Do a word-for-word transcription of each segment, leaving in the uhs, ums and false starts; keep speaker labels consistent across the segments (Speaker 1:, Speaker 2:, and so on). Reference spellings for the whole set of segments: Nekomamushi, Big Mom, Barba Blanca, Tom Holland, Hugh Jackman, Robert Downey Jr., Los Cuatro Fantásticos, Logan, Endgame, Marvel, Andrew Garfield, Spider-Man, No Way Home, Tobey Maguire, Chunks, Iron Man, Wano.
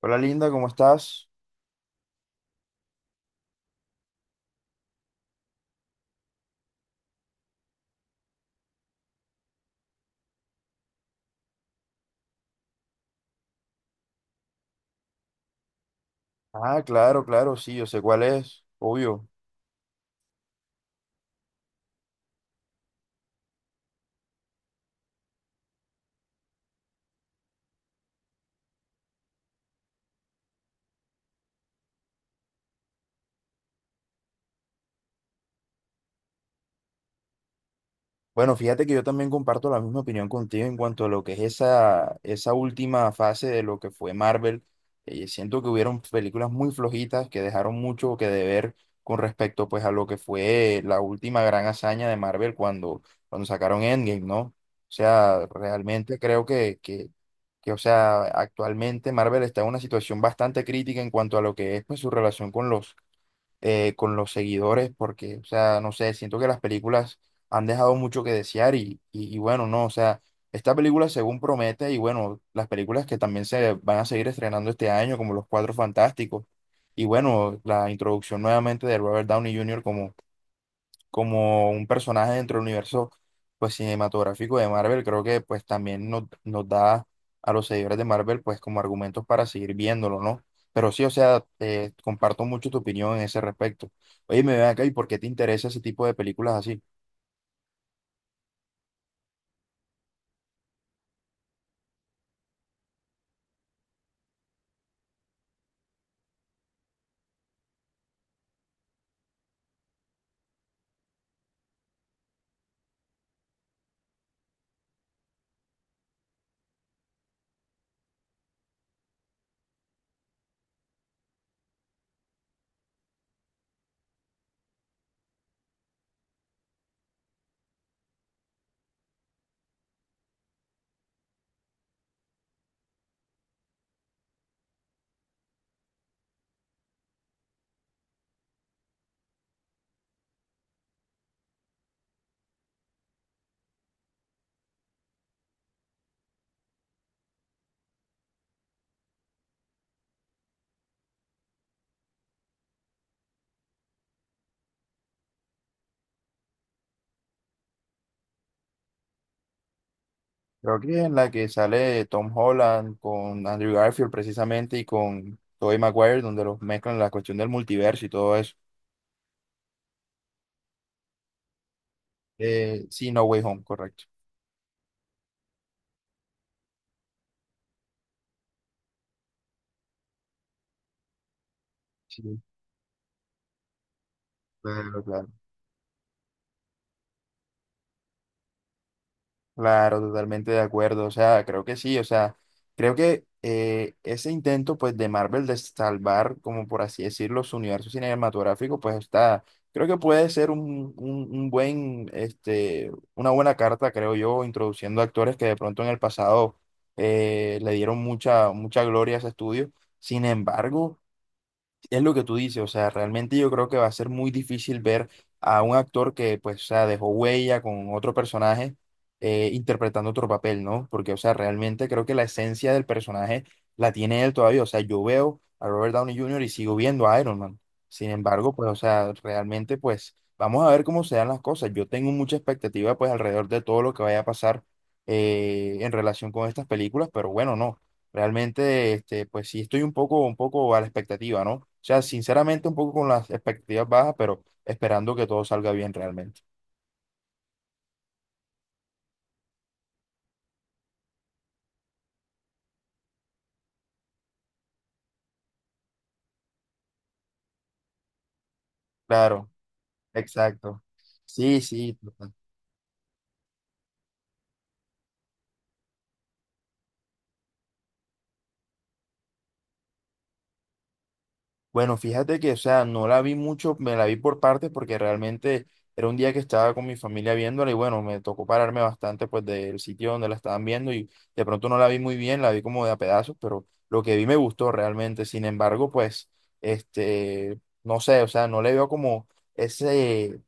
Speaker 1: Hola Linda, ¿cómo estás? Ah, claro, claro, sí, yo sé cuál es, obvio. Bueno, fíjate que yo también comparto la misma opinión contigo en cuanto a lo que es esa, esa última fase de lo que fue Marvel. Eh, siento que hubieron películas muy flojitas que dejaron mucho que deber con respecto pues a lo que fue la última gran hazaña de Marvel cuando, cuando sacaron Endgame, ¿no? O sea, realmente creo que, que, que, o sea, actualmente Marvel está en una situación bastante crítica en cuanto a lo que es pues su relación con los eh, con los seguidores, porque, o sea, no sé, siento que las películas han dejado mucho que desear y, y, y bueno, no, o sea, esta película según promete y bueno, las películas que también se van a seguir estrenando este año, como Los Cuatro Fantásticos, y bueno, la introducción nuevamente de Robert Downey junior como como un personaje dentro del universo pues cinematográfico de Marvel, creo que pues también nos, nos da a los seguidores de Marvel pues como argumentos para seguir viéndolo, ¿no? Pero sí, o sea, eh, comparto mucho tu opinión en ese respecto. Oye, me ven acá y ¿por qué te interesa ese tipo de películas así? Creo que en la que sale Tom Holland con Andrew Garfield precisamente y con Tobey Maguire, donde los mezclan la cuestión del multiverso y todo eso. Eh, sí, No Way Home, correcto. Sí, claro, claro. Claro, totalmente de acuerdo. O sea, creo que sí. O sea, creo que eh, ese intento, pues, de Marvel de salvar, como por así decirlo, su universo cinematográfico, pues está. Creo que puede ser un, un- un buen, este, una buena carta, creo yo, introduciendo actores que de pronto en el pasado eh, le dieron mucha, mucha gloria a ese estudio. Sin embargo. Es lo que tú dices, o sea, realmente yo creo que va a ser muy difícil ver a un actor que, pues, o sea, dejó huella con otro personaje eh, interpretando otro papel, ¿no? Porque, o sea, realmente creo que la esencia del personaje la tiene él todavía, o sea, yo veo a Robert Downey junior y sigo viendo a Iron Man. Sin embargo, pues, o sea, realmente, pues, vamos a ver cómo se dan las cosas. Yo tengo mucha expectativa, pues, alrededor de todo lo que vaya a pasar eh, en relación con estas películas, pero bueno, no. Realmente, este, pues sí, estoy un poco, un poco a la expectativa, ¿no? O sea, sinceramente, un poco con las expectativas bajas, pero esperando que todo salga bien realmente. Claro, exacto. Sí, sí, total. Bueno, fíjate que, o sea, no la vi mucho, me la vi por partes porque realmente era un día que estaba con mi familia viéndola y bueno, me tocó pararme bastante pues del sitio donde la estaban viendo y de pronto no la vi muy bien, la vi como de a pedazos, pero lo que vi me gustó realmente. Sin embargo, pues, este, no sé, o sea, no le veo como ese,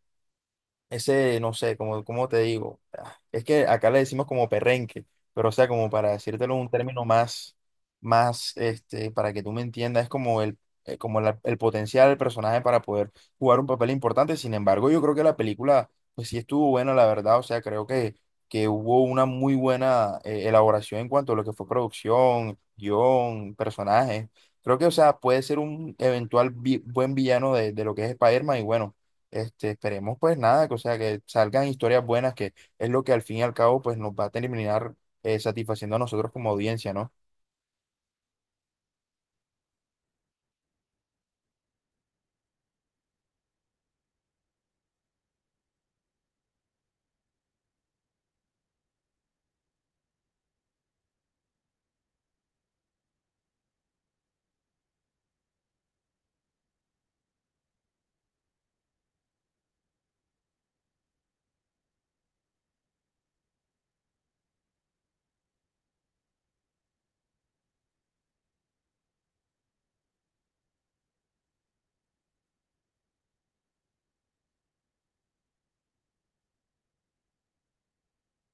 Speaker 1: ese, no sé, como, ¿cómo te digo? Ah, es que acá le decimos como perrenque, pero o sea, como para decírtelo un término más, más, este, para que tú me entiendas, es como el, eh, como la- el potencial del personaje para poder jugar un papel importante. Sin embargo, yo creo que la película, pues sí estuvo buena, la verdad. O sea, creo que, que hubo una muy buena eh, elaboración en cuanto a lo que fue producción, guión, personajes. Creo que, o sea, puede ser un eventual vi- buen villano de, de lo que es Spider-Man y bueno. Este, esperemos pues nada, que, o sea, que salgan historias buenas, que es lo que al fin y al cabo pues nos va a terminar eh, satisfaciendo a nosotros como audiencia, ¿no?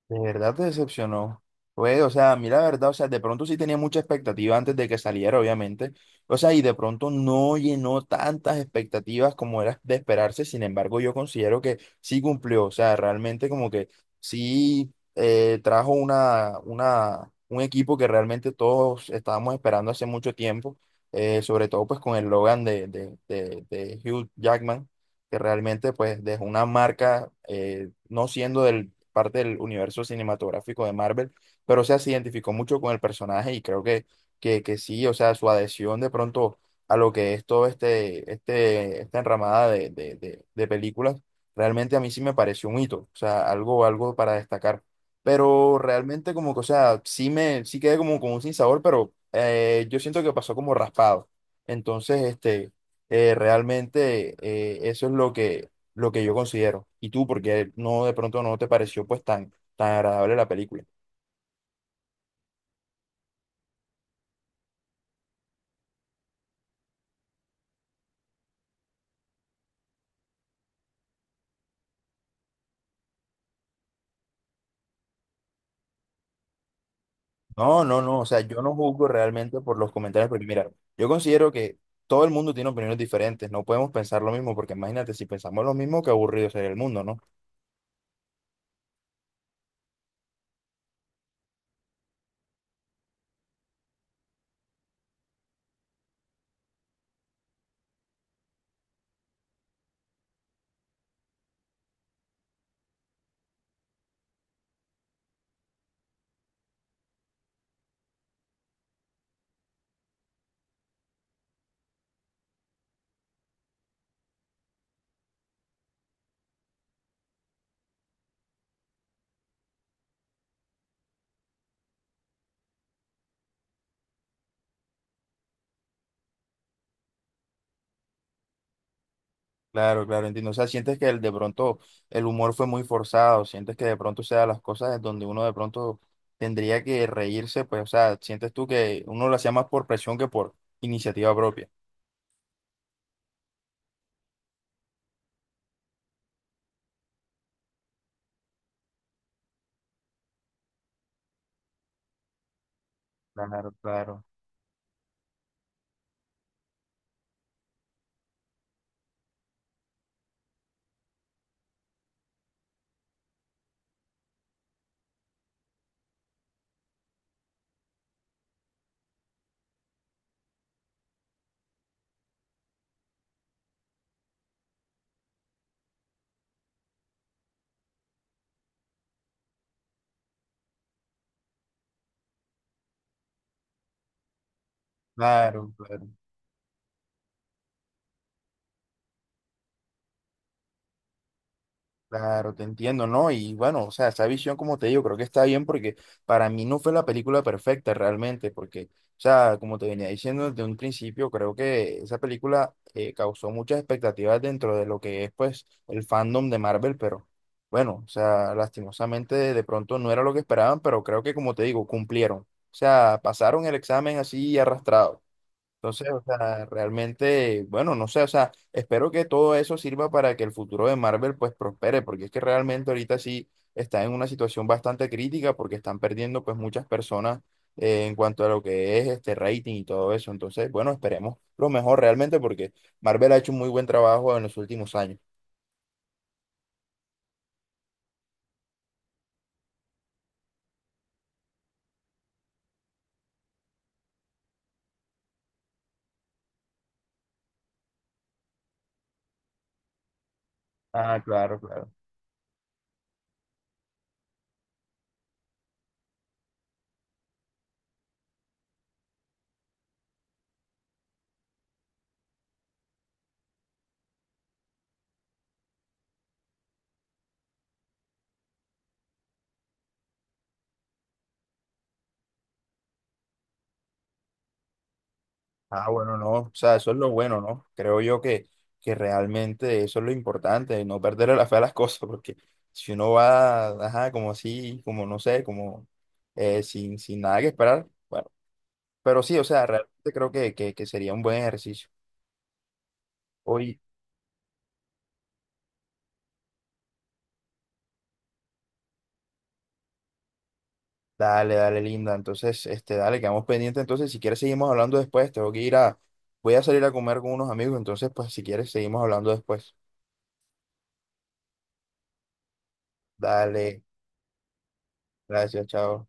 Speaker 1: ¿De verdad te decepcionó? Pues, o sea, a mí la verdad, o sea, de pronto sí tenía mucha expectativa antes de que saliera, obviamente. O sea, y de pronto no llenó tantas expectativas como era de esperarse. Sin embargo, yo considero que sí cumplió. O sea, realmente como que sí eh, trajo una, una, un equipo que realmente todos estábamos esperando hace mucho tiempo. eh, sobre todo pues con el Logan de, de, de, de Hugh Jackman, que realmente pues dejó una marca, eh, no siendo del parte del universo cinematográfico de Marvel, pero o sea, se identificó mucho con el personaje y creo que, que, que sí, o sea, su adhesión de pronto a lo que es todo este, este, esta enramada de, de, de, de películas, realmente a mí sí me pareció un hito, o sea, algo, algo para destacar. Pero realmente como que, o sea, sí me, sí quedé como con un sinsabor, pero eh, yo siento que pasó como raspado. Entonces, este, eh, realmente eh, eso es lo que, lo que yo considero. Y tú, porque no de pronto no te pareció pues tan, tan agradable la película. No, no, no, o sea, yo no juzgo realmente por los comentarios, porque mira, yo considero que todo el mundo tiene opiniones diferentes, no podemos pensar lo mismo, porque imagínate, si pensamos lo mismo, qué aburrido sería el mundo, ¿no? Claro, claro, entiendo. O sea, sientes que el, de pronto el humor fue muy forzado, sientes que de pronto o sea las cosas en donde uno de pronto tendría que reírse, pues, o sea, sientes tú que uno lo hacía más por presión que por iniciativa propia. Claro, claro, claro, claro. Claro, te entiendo, ¿no? Y bueno, o sea, esa visión, como te digo, creo que está bien porque para mí no fue la película perfecta realmente, porque, o sea, como te venía diciendo desde un principio, creo que esa película eh, causó muchas expectativas dentro de lo que es, pues, el fandom de Marvel, pero bueno, o sea, lastimosamente de pronto no era lo que esperaban, pero creo que, como te digo, cumplieron. O sea, pasaron el examen así arrastrado. Entonces, o sea, realmente, bueno, no sé, o sea, espero que todo eso sirva para que el futuro de Marvel pues prospere, porque es que realmente ahorita sí está en una situación bastante crítica porque están perdiendo pues muchas personas eh, en cuanto a lo que es este rating y todo eso. Entonces, bueno, esperemos lo mejor realmente porque Marvel ha hecho un muy buen trabajo en los últimos años. Ah, claro, claro. Ah, bueno, no, o sea, eso es lo bueno, ¿no? Creo yo que, que realmente eso es lo importante, no perderle la fe a las cosas, porque si uno va, ajá, como así, como no sé, como eh, sin, sin nada que esperar, bueno, pero sí, o sea, realmente creo que, que, que sería un buen ejercicio. Hoy, dale, dale, linda, entonces, este, dale, quedamos pendientes, entonces, si quieres seguimos hablando después, tengo que ir a, voy a salir a comer con unos amigos, entonces, pues, si quieres seguimos hablando después. Dale, gracias, chao.